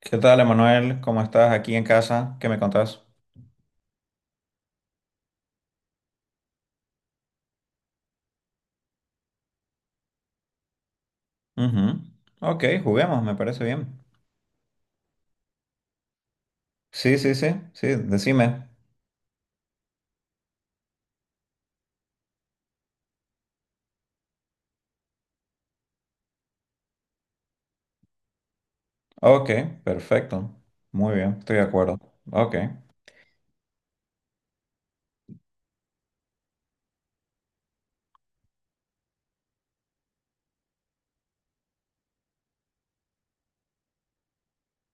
¿Qué tal, Emanuel? ¿Cómo estás aquí en casa? ¿Qué me contás? Ujú. Ok, juguemos, me parece bien. Sí, sí, sí, sí, decime. Ok, perfecto. Muy bien, estoy de acuerdo. Ok.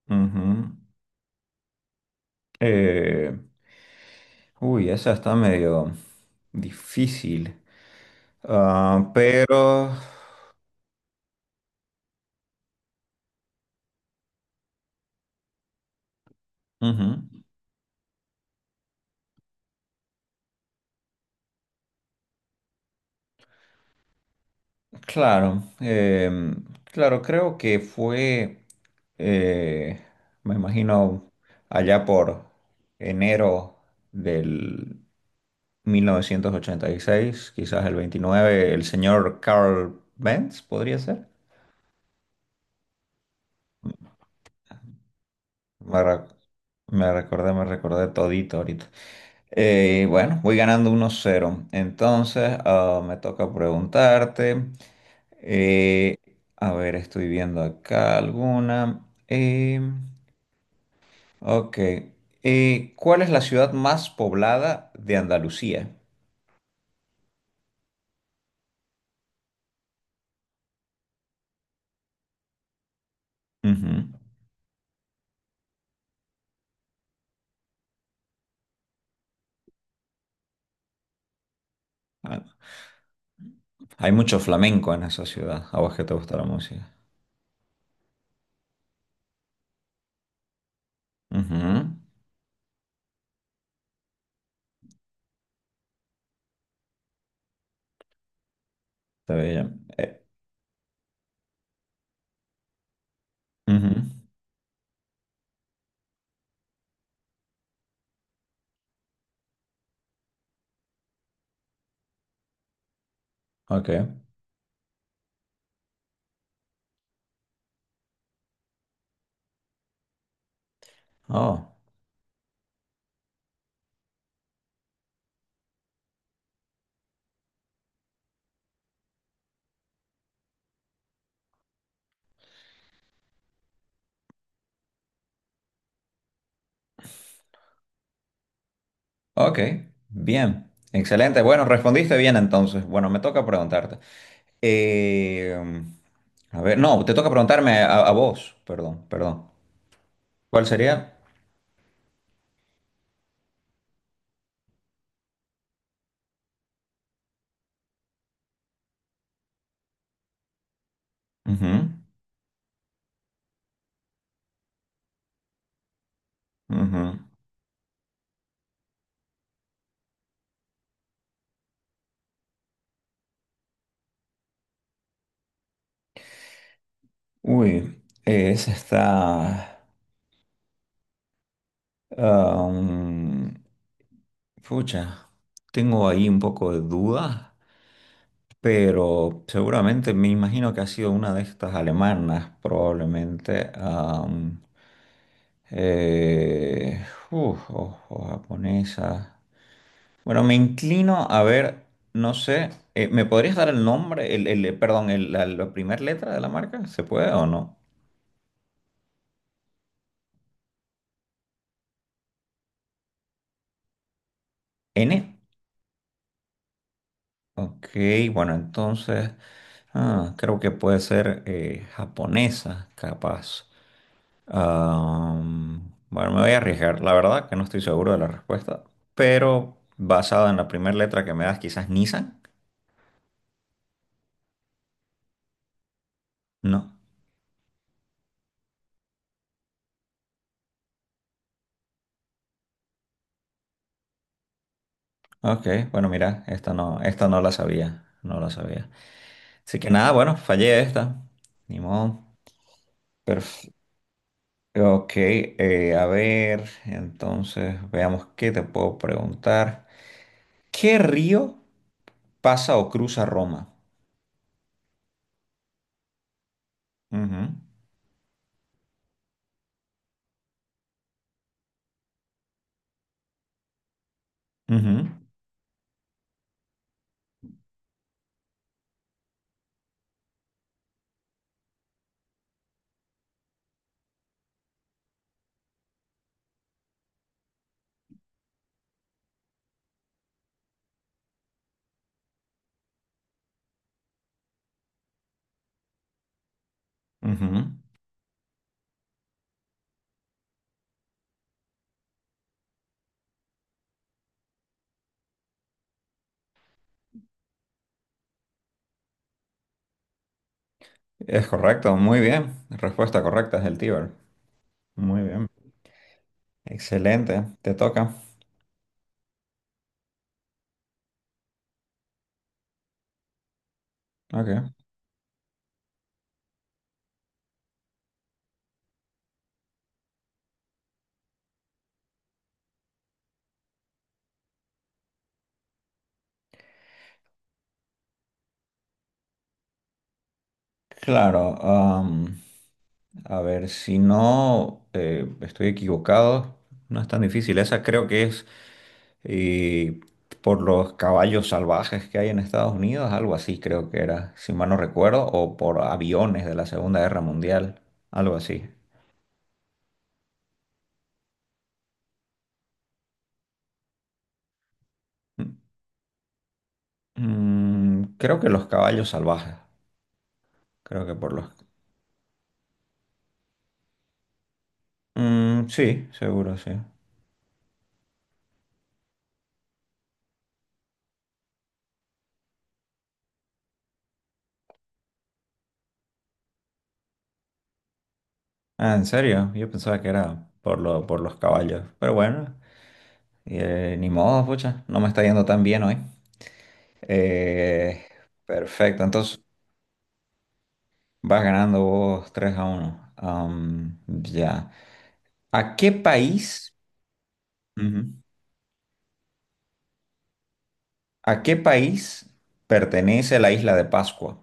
Ujú. Eh, Uy, esa está medio difícil. Ah, pero... ujú. Claro, claro, creo que fue, eh, me imagino, allá por enero del 1986, quizás el 29, el señor Carl Benz, podría ser. Me, re- Me recordé, me recordé todito ahorita. Bueno, voy ganando 1 cero. Entonces, ah, me toca preguntarte. eh, a ver, estoy viendo acá alguna. Ok. ¿Cuál es la ciudad más poblada de Andalucía? Ujú. Ah, hay mucho flamenco en esa ciudad. A vos que te gusta la música. Ujú. Está bien. Ujú. Ok. Oh, ok. Bien. Excelente. Bueno, respondiste bien entonces. Bueno, me toca preguntarte. Eh, a ver, no, te toca preguntarme a vos. Perdón, perdón. ¿Cuál sería? Ujú, ujú. Uy, esa está. Am, Pucha, tengo ahí un poco de dudas, pero seguramente me imagino que ha sido una de estas alemanas, probablemente, eh, uf, o japonesa. Bueno, me inclino a ver, no sé, ¿me podrías dar el nombre, perdón, la primera letra de la marca? ¿Se puede o no? ¿N? Ok, bueno, entonces creo que puede ser japonesa, capaz. Bueno, me voy a arriesgar, la verdad que no estoy seguro de la respuesta, pero basada en la primera letra que me das, quizás Nissan, ¿no? Ok, bueno, mira, esta no la sabía, no la sabía. Así que nada, bueno, fallé esta, ni modo. Perf- ok, a ver, entonces veamos qué te puedo preguntar. ¿Qué río pasa o cruza Roma? Ujú, ujú, ujú. Es correcto, muy bien. Respuesta correcta es el Tíber. Muy bien. Excelente, te toca. Ok. Claro, am, a ver, si no estoy equivocado, no es tan difícil. Esa creo que es eh, por los caballos salvajes que hay en Estados Unidos, algo así creo que era, si mal no recuerdo, o por aviones de la Segunda Guerra Mundial, algo así. Mm, creo que los caballos salvajes. Creo que por los... Mm, sí, seguro, sí. Ah, ¿en serio? Yo pensaba que era por por los caballos. Pero bueno, ni modo, pucha. No me está yendo tan bien hoy. Eh, Perfecto, entonces vas ganando vos 3 a uno. Am, ya. ¿A qué país? Ujú. ¿A qué país pertenece la isla de Pascua?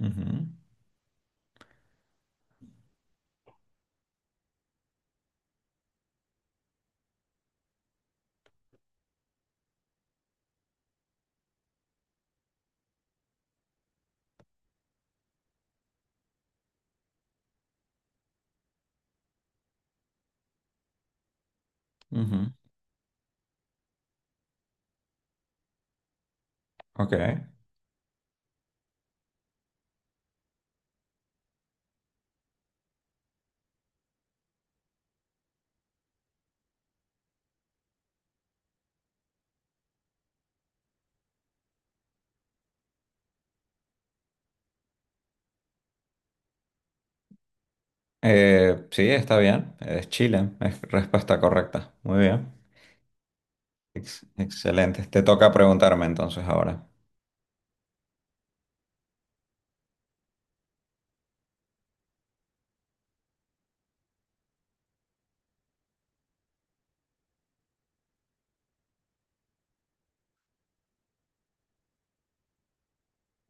Ujú, ujú. Ok. Sí, está bien. Es Chile. Es respuesta correcta. Muy bien. Excelente. Te toca preguntarme entonces ahora.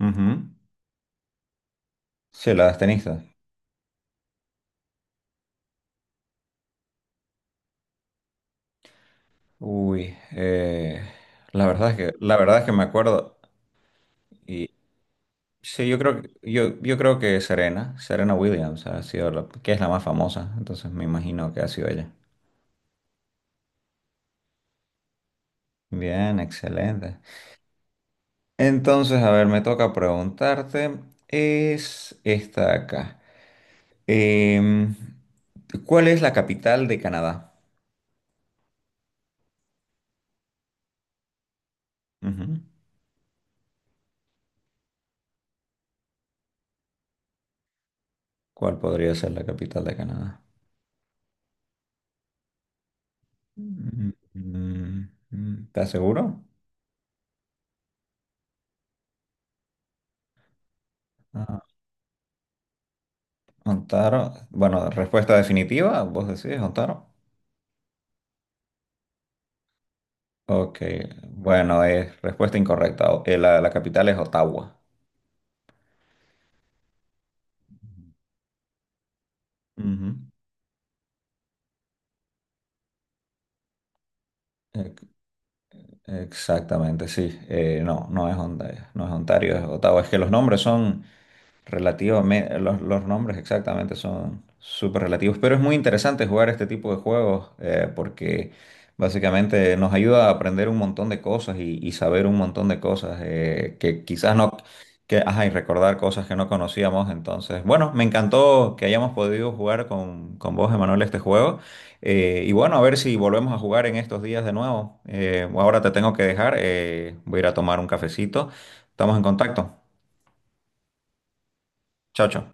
Ujú. Sí, la de tenista. Uy, la verdad es que me acuerdo. Y sí, yo creo que Serena Williams ha sido la, que es la más famosa. Entonces me imagino que ha sido ella. Bien, excelente. Entonces, a ver, me toca preguntarte. Es esta acá. Em, ¿cuál es la capital de Canadá? Ujú. ¿Cuál podría ser la capital de Canadá? ¿Estás seguro? Ah, Ontario. Bueno, respuesta definitiva, vos decís Ontario. Ok, bueno, es respuesta incorrecta. La capital es Ottawa. Ujú. Ex- Exactamente, sí. No, no es Ontario, no es Ontario, es Ottawa. Es que los nombres son relativo. Los nombres exactamente son súper relativos, pero es muy interesante jugar este tipo de juegos porque básicamente nos ayuda a aprender un montón de cosas y saber un montón de cosas que quizás no, que, ajá, y recordar cosas que no conocíamos. Entonces, bueno, me encantó que hayamos podido jugar con vos, Emanuel, este juego. Y bueno, a ver si volvemos a jugar en estos días de nuevo. Ahora te tengo que dejar, voy a ir a tomar un cafecito. Estamos en contacto. Chao, chao.